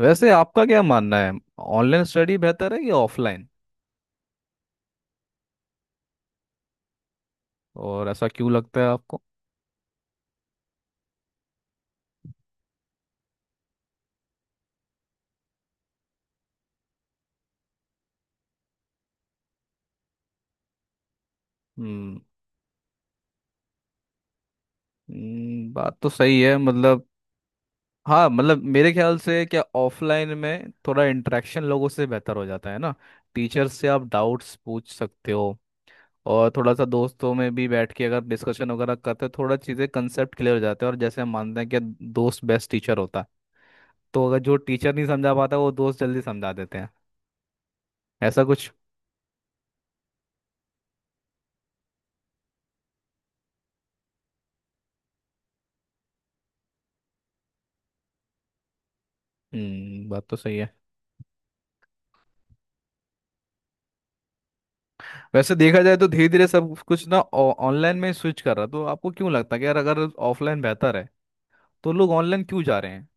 वैसे आपका क्या मानना है, ऑनलाइन स्टडी बेहतर है या ऑफलाइन? और ऐसा क्यों लगता है आपको? हम्म। बात तो सही है मतलब। हाँ मतलब, मेरे ख्याल से, क्या ऑफलाइन में थोड़ा इंटरेक्शन लोगों से बेहतर हो जाता है ना। टीचर से आप डाउट्स पूछ सकते हो। और थोड़ा सा दोस्तों में भी बैठ के अगर डिस्कशन वगैरह करते हो, थोड़ा चीज़ें, कंसेप्ट क्लियर हो जाते हैं। और जैसे हम मानते हैं कि दोस्त बेस्ट टीचर होता है, तो अगर जो टीचर नहीं समझा पाता वो दोस्त जल्दी समझा देते हैं, ऐसा कुछ। हम्म, बात तो सही है। वैसे देखा जाए तो धीरे धीरे सब कुछ ना ऑनलाइन में स्विच कर रहा, तो आपको क्यों लगता है कि यार, अगर ऑफलाइन बेहतर है तो लोग ऑनलाइन क्यों जा रहे हैं?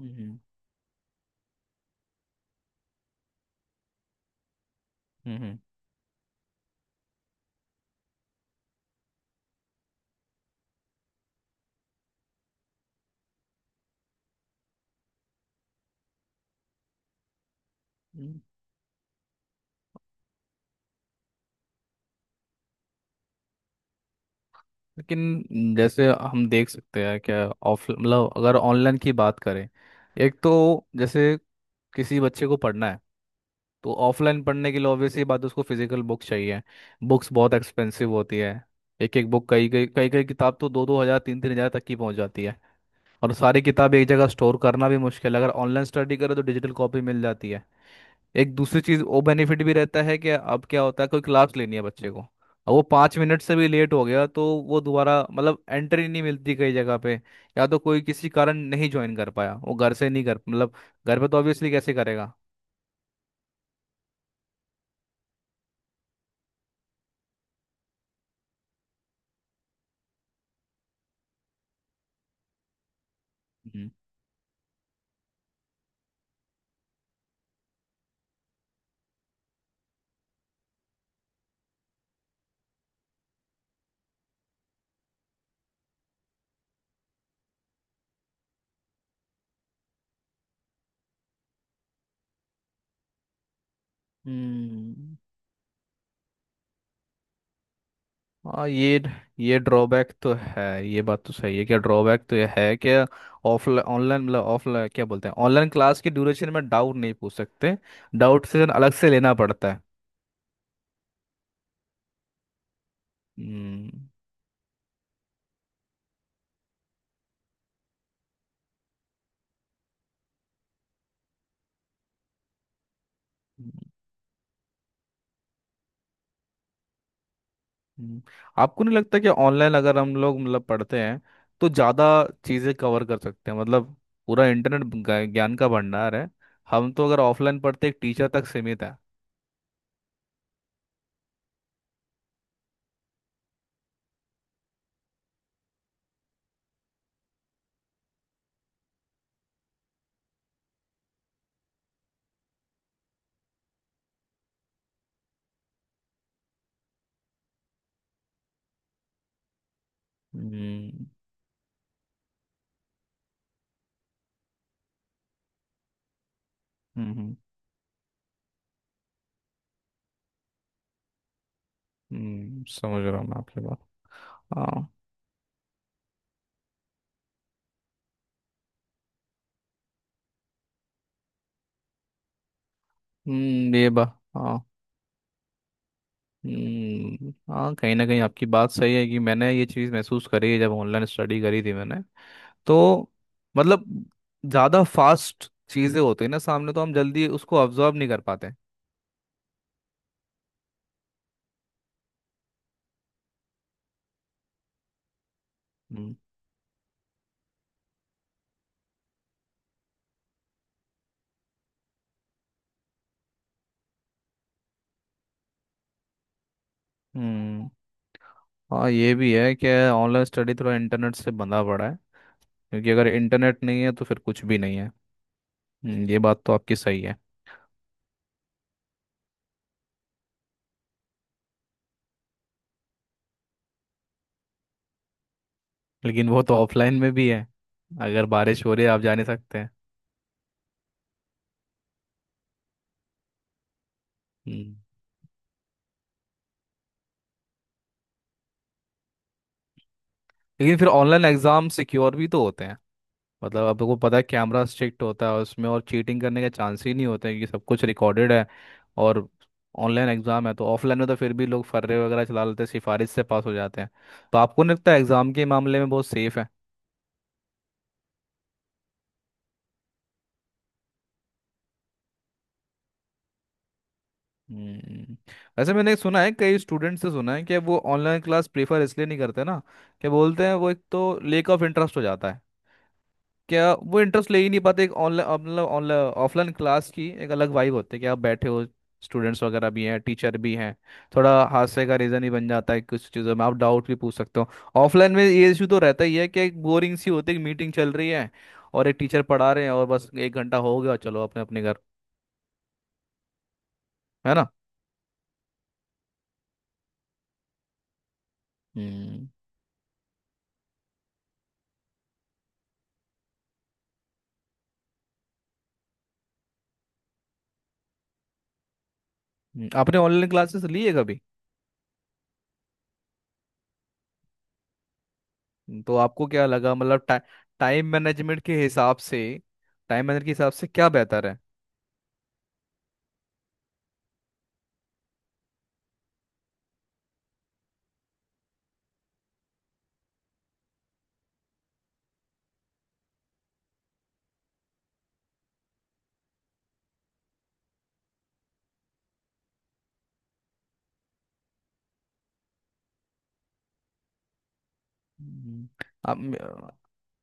हम्म। हम्म। हम्म। लेकिन जैसे हम देख सकते हैं, क्या ऑफ मतलब, अगर ऑनलाइन की बात करें, एक तो, जैसे, किसी बच्चे को पढ़ना है, तो ऑफलाइन पढ़ने के लिए ऑब्वियसली बात है, उसको फिजिकल बुक चाहिए। बुक्स बहुत एक्सपेंसिव होती है। एक एक बुक, कई कई किताब, तो दो दो हज़ार, तीन तीन हज़ार तक की पहुंच जाती है। और सारी किताब एक जगह स्टोर करना भी मुश्किल है, अगर ऑनलाइन स्टडी करें तो डिजिटल कॉपी मिल जाती है। एक दूसरी चीज़, वो बेनिफिट भी रहता है कि अब क्या होता है, कोई क्लास लेनी है बच्चे को, अब वो 5 मिनट से भी लेट हो गया तो वो दोबारा मतलब एंट्री नहीं मिलती कई जगह पे। या तो कोई किसी कारण नहीं ज्वाइन कर पाया, वो घर से नहीं कर, मतलब घर पे तो ऑब्वियसली कैसे करेगा। हम्म। हम्म। हाँ, ये ड्रॉबैक तो है, ये बात तो सही है, क्या ड्रॉबैक तो ये है कि ऑफलाइन ऑनलाइन मतलब ऑफलाइन क्या बोलते हैं, ऑनलाइन क्लास के ड्यूरेशन में डाउट नहीं पूछ सकते। डाउट से अलग से लेना पड़ता है। हम्म। हम्म। आपको नहीं लगता कि ऑनलाइन अगर हम लोग मतलब पढ़ते हैं, तो ज़्यादा चीज़ें कवर कर सकते हैं, मतलब पूरा इंटरनेट ज्ञान का भंडार है। हम तो अगर ऑफलाइन पढ़ते एक टीचर तक सीमित है। हम्म। हम्म। समझ रहा हूँ मैं आपकी बात। हाँ। हम्म, ये बात, हाँ। हम्म, हाँ कहीं ना कहीं आपकी बात सही है, कि मैंने ये चीज़ महसूस करी है जब ऑनलाइन स्टडी करी थी मैंने, तो मतलब, ज़्यादा फास्ट चीज़ें होती है ना सामने, तो हम जल्दी उसको अब्जॉर्ब नहीं कर पाते। हम्म। हम्म, हाँ ये भी है कि ऑनलाइन स्टडी थोड़ा इंटरनेट से बंधा पड़ा है, क्योंकि अगर इंटरनेट नहीं है तो फिर कुछ भी नहीं है। ये बात तो आपकी सही है। लेकिन वो तो ऑफलाइन में भी है, अगर बारिश हो रही है आप जा नहीं सकते हैं। हम्म, लेकिन फिर ऑनलाइन एग्ज़ाम सिक्योर भी तो होते हैं। मतलब, आपको पता है कैमरा स्ट्रिक्ट होता है उसमें, और चीटिंग करने के चांस ही नहीं होते हैं, क्योंकि सब कुछ रिकॉर्डेड है और ऑनलाइन एग्ज़ाम है। तो ऑफलाइन में तो फिर भी लोग फर्रे वगैरह चला लेते हैं, सिफारिश से पास हो जाते हैं। तो आपको नहीं लगता एग्ज़ाम के मामले में बहुत सेफ है? हम्म, वैसे मैंने सुना है, कई स्टूडेंट से सुना है, कि वो ऑनलाइन क्लास प्रेफर इसलिए नहीं करते ना, कि बोलते हैं वो एक तो लेक ऑफ इंटरेस्ट हो जाता है, क्या वो इंटरेस्ट ले ही नहीं पाते, एक ऑनलाइन मतलब ऑनलाइन ऑफलाइन क्लास की एक अलग वाइब होती है कि आप बैठे हो, स्टूडेंट्स वगैरह भी हैं टीचर भी हैं, थोड़ा हादसे का रीज़न ही बन जाता है, कुछ चीज़ों में आप डाउट भी पूछ सकते हो। ऑफलाइन में ये इशू तो रहता ही है कि एक बोरिंग सी होती है, मीटिंग चल रही है और एक टीचर पढ़ा रहे हैं और बस 1 घंटा हो गया, चलो अपने अपने घर, है ना? हम्म। आपने ऑनलाइन क्लासेस ली है कभी? तो आपको क्या लगा मतलब, टाइम मैनेजमेंट के हिसाब से, टाइम मैनेजमेंट के हिसाब से क्या बेहतर है? हम्म, आप,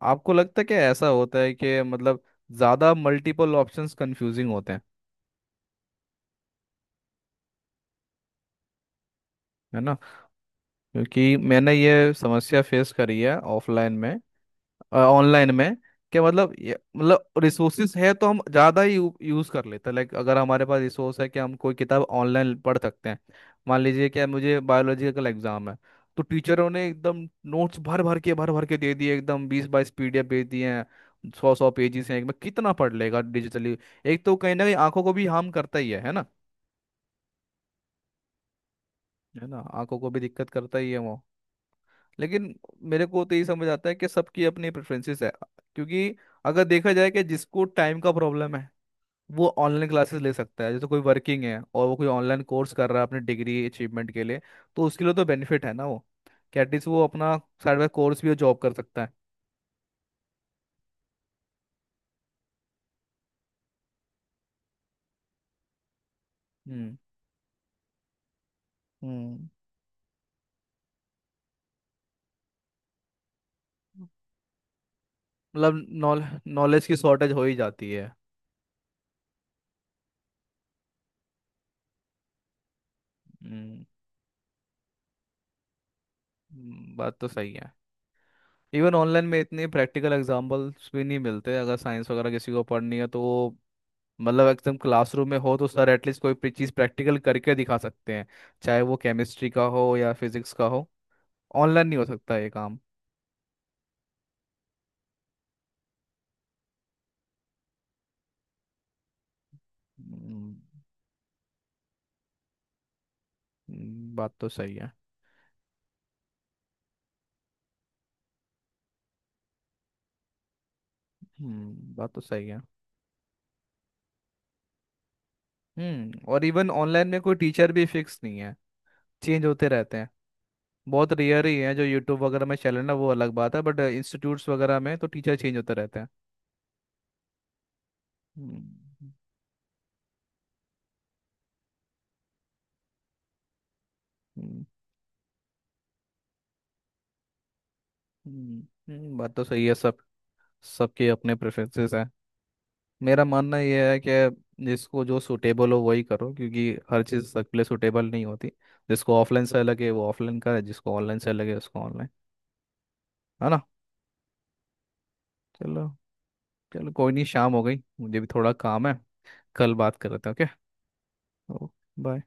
आपको लगता है कि ऐसा होता है कि मतलब ज़्यादा मल्टीपल ऑप्शंस कंफ्यूजिंग होते हैं, है ना? क्योंकि मैंने ये समस्या फेस करी है ऑफलाइन में, ऑनलाइन में, क्या मतलब मतलब रिसोर्सेज है तो हम ज़्यादा ही यूज़ कर लेते हैं, लाइक अगर हमारे पास रिसोर्स है कि हम कोई किताब ऑनलाइन पढ़ सकते हैं। मान लीजिए कि मुझे बायोलॉजी का कल एग्ज़ाम है, तो टीचरों ने एकदम नोट्स भर भर के दे दिए, एकदम 20-22 पीडीएफ दे दिए हैं, सौ सौ पेजेस हैं एक में, कितना पढ़ लेगा डिजिटली। एक तो कहीं ना कहीं आंखों को भी हार्म करता ही है ना? है ना, आंखों को भी दिक्कत करता ही है वो। लेकिन मेरे को तो यही समझ आता है कि सबकी अपनी प्रेफरेंसेस है, क्योंकि अगर देखा जाए कि जिसको टाइम का प्रॉब्लम है, वो ऑनलाइन क्लासेस ले सकता है, जैसे कोई वर्किंग है और वो कोई ऑनलाइन कोर्स कर रहा है अपनी डिग्री अचीवमेंट के लिए, तो उसके लिए तो बेनिफिट है ना वो, कि एटलीस्ट वो अपना साइड बाय कोर्स भी और जॉब कर सकता है। हम्म। हम्म, मतलब नॉलेज, नॉलेज की शॉर्टेज हो ही जाती है। हम्म। बात तो सही है। इवन ऑनलाइन में इतने प्रैक्टिकल एग्जाम्पल्स भी नहीं मिलते, अगर साइंस वगैरह किसी को पढ़नी है तो, मतलब एकदम क्लासरूम में हो तो सर एटलीस्ट कोई चीज़ प्रैक्टिकल करके दिखा सकते हैं, चाहे वो केमिस्ट्री का हो या फिजिक्स का हो। ऑनलाइन नहीं हो सकता ये काम। हम्म, बात तो सही है। हम्म, बात तो सही है। हम्म, और इवन ऑनलाइन में कोई टीचर भी फिक्स नहीं है, चेंज होते रहते हैं। बहुत रेयर ही है, जो यूट्यूब वगैरह में चैनल है वो अलग बात है, बट इंस्टीट्यूट्स वगैरह में तो टीचर चेंज होते रहते हैं। हम्म। हम्म, हम्म, बात तो सही है। सब, सबके अपने प्रेफरेंसेस हैं। मेरा मानना यह है कि जिसको जो सूटेबल हो वही करो, क्योंकि हर चीज़ सबके लिए सूटेबल नहीं होती। जिसको ऑफलाइन से लगे वो ऑफलाइन करे, जिसको ऑनलाइन से लगे उसको ऑनलाइन, है ना? चलो। चलो, कोई नहीं, शाम हो गई मुझे भी थोड़ा काम है। कल बात करते हैं। ओके। बाय।